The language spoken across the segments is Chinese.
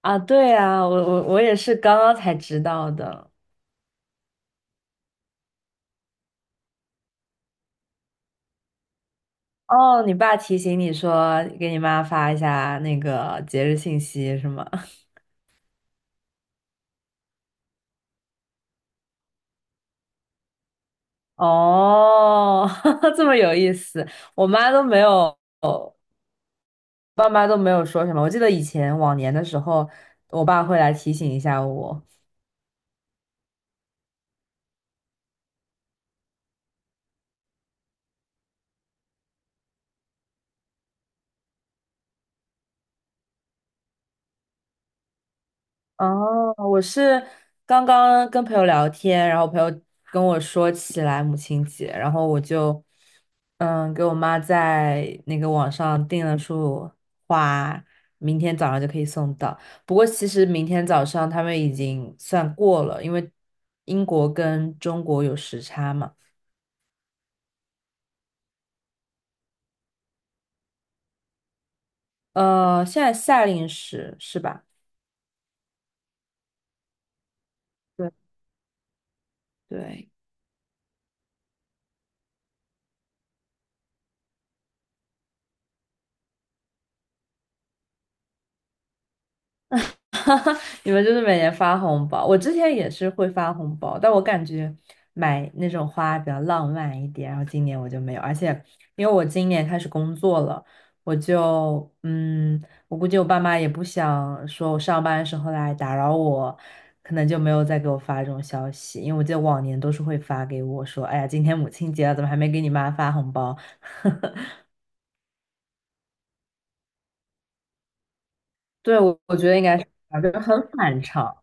啊，对啊，我也是刚刚才知道的。哦，你爸提醒你说给你妈发一下那个节日信息是吗？哦，这么有意思，我妈都没有，爸妈都没有说什么。我记得以前往年的时候，我爸会来提醒一下我。哦，我是刚刚跟朋友聊天，然后朋友跟我说起来母亲节，然后我就给我妈在那个网上订了束花，明天早上就可以送到。不过其实明天早上他们已经算过了，因为英国跟中国有时差嘛。现在夏令时是吧？对对，哈哈，你们就是每年发红包，我之前也是会发红包，但我感觉买那种花比较浪漫一点，然后今年我就没有，而且因为我今年开始工作了，我就我估计我爸妈也不想说我上班的时候来打扰我，可能就没有再给我发这种消息，因为我记得往年都是会发给我说，哎呀，今天母亲节了，怎么还没给你妈发红包？对，我觉得应该是这样，就很反常。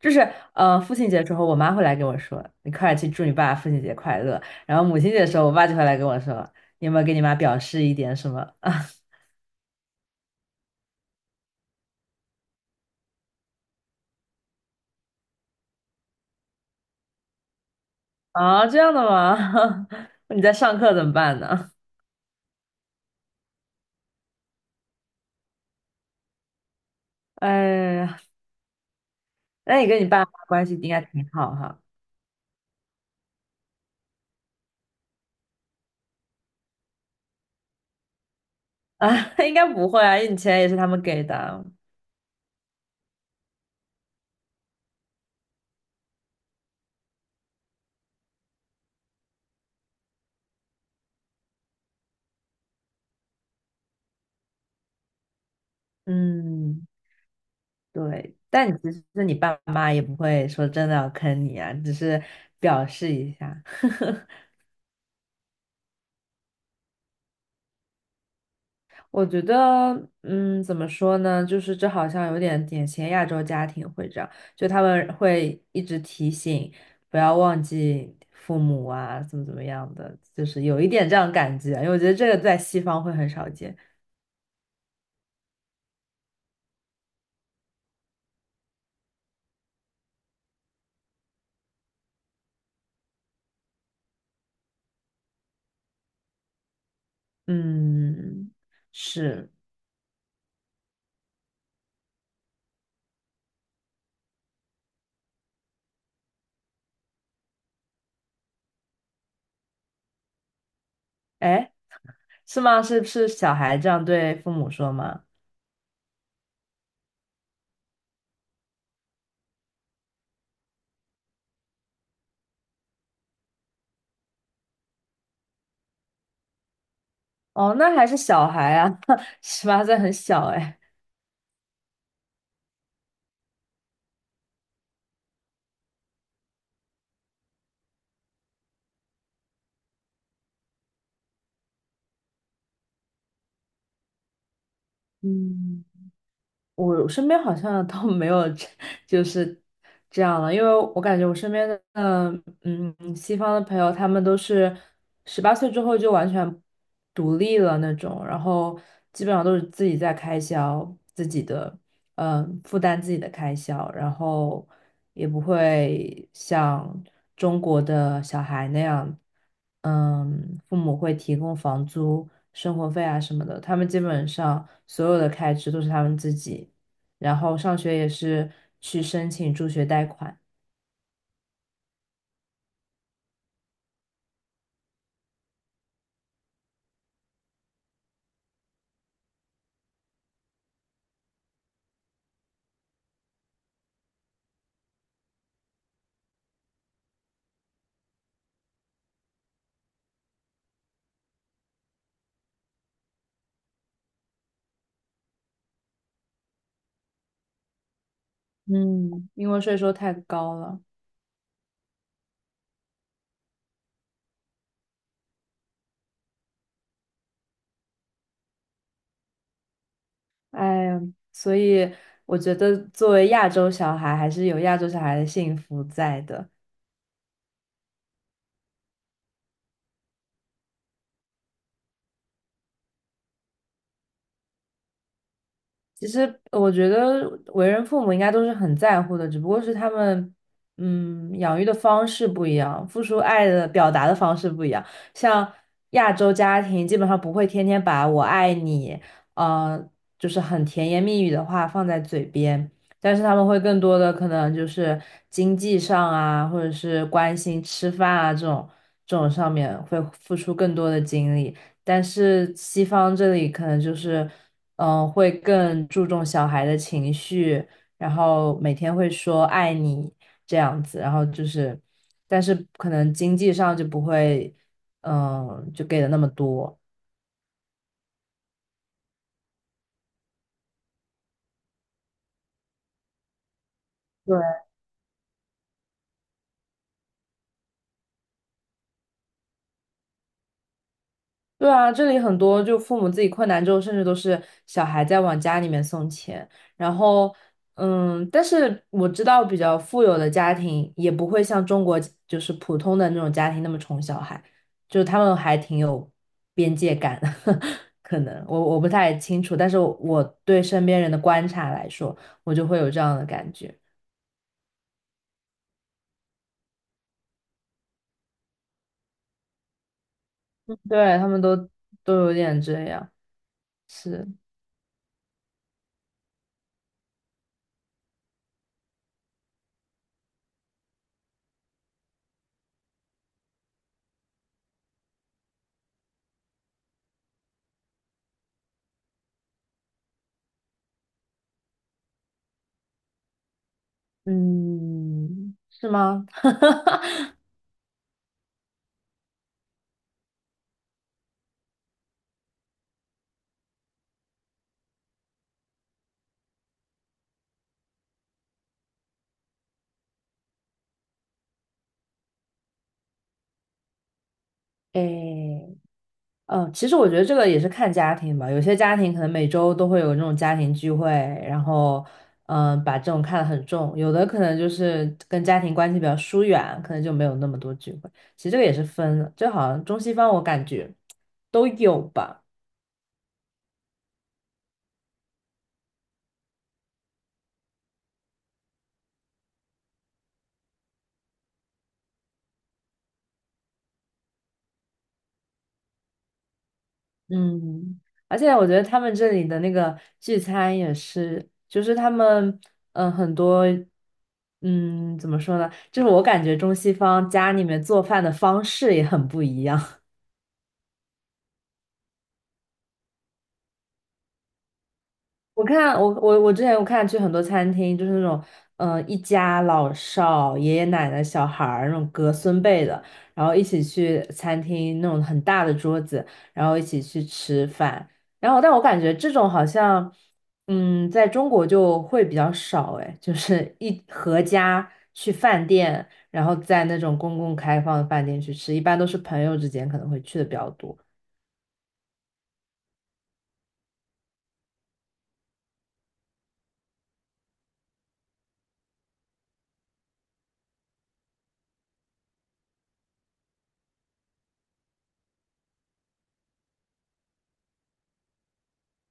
就是父亲节之后，我妈会来跟我说："你快点去祝你爸父亲节快乐。"然后母亲节的时候，我爸就会来跟我说："你有没有给你妈表示一点什么？" 啊，啊，这样的吗？你在上课怎么办呢？哎呀，那你跟你爸妈关系应该挺好哈？啊，应该不会啊，因为你钱也是他们给的。嗯，对。但你其实你爸妈也不会说真的要坑你啊，只是表示一下。我觉得，怎么说呢？就是这好像有点典型亚洲家庭会这样，就他们会一直提醒不要忘记父母啊，怎么怎么样的，就是有一点这样感觉，因为我觉得这个在西方会很少见。嗯，是，哎，是吗？是是小孩这样对父母说吗？哦，那还是小孩啊，十八岁很小哎。嗯。我身边好像都没有这就是这样了，因为我感觉我身边的西方的朋友，他们都是十八岁之后就完全独立了那种，然后基本上都是自己在开销自己的，嗯，负担自己的开销，然后也不会像中国的小孩那样。嗯，父母会提供房租、生活费啊什么的，他们基本上所有的开支都是他们自己。然后上学也是去申请助学贷款，嗯，因为税收太高了。哎呀，所以我觉得作为亚洲小孩，还是有亚洲小孩的幸福在的。其实我觉得为人父母应该都是很在乎的，只不过是他们，养育的方式不一样，付出爱的表达的方式不一样。像亚洲家庭，基本上不会天天把"我爱你"，呃，就是很甜言蜜语的话放在嘴边，但是他们会更多的可能就是经济上啊，或者是关心吃饭啊这种这种上面会付出更多的精力。但是西方这里可能就是，会更注重小孩的情绪，然后每天会说爱你这样子，然后就是，但是可能经济上就不会，就给的那么多。对。对啊，这里很多就父母自己困难之后，甚至都是小孩在往家里面送钱。然后，嗯，但是我知道比较富有的家庭也不会像中国就是普通的那种家庭那么宠小孩，就他们还挺有边界感的。可能我不太清楚，但是我对身边人的观察来说，我就会有这样的感觉。对，他们都都有点这样，是，嗯，是吗？诶。嗯，其实我觉得这个也是看家庭吧，有些家庭可能每周都会有那种家庭聚会，然后嗯，把这种看得很重，有的可能就是跟家庭关系比较疏远，可能就没有那么多聚会。其实这个也是分的，就好像中西方我感觉都有吧，嗯，而且我觉得他们这里的那个聚餐也是，就是他们很多。怎么说呢？就是我感觉中西方家里面做饭的方式也很不一样。我看我之前我看去很多餐厅，就是那种一家老少、爷爷奶奶、小孩儿那种隔孙辈的，然后一起去餐厅那种很大的桌子，然后一起去吃饭。然后但我感觉这种好像嗯在中国就会比较少哎，就是一合家去饭店，然后在那种公共开放的饭店去吃，一般都是朋友之间可能会去的比较多。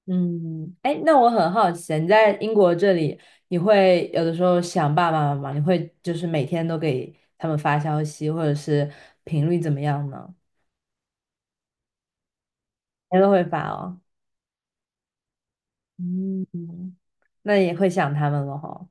嗯，哎，那我很好奇啊，你在英国这里，你会有的时候想爸爸妈妈，你会就是每天都给他们发消息，或者是频率怎么样呢？每天都会发哦。嗯，那也会想他们了哈。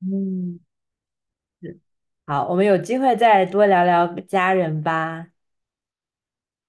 嗯，好，我们有机会再多聊聊家人吧。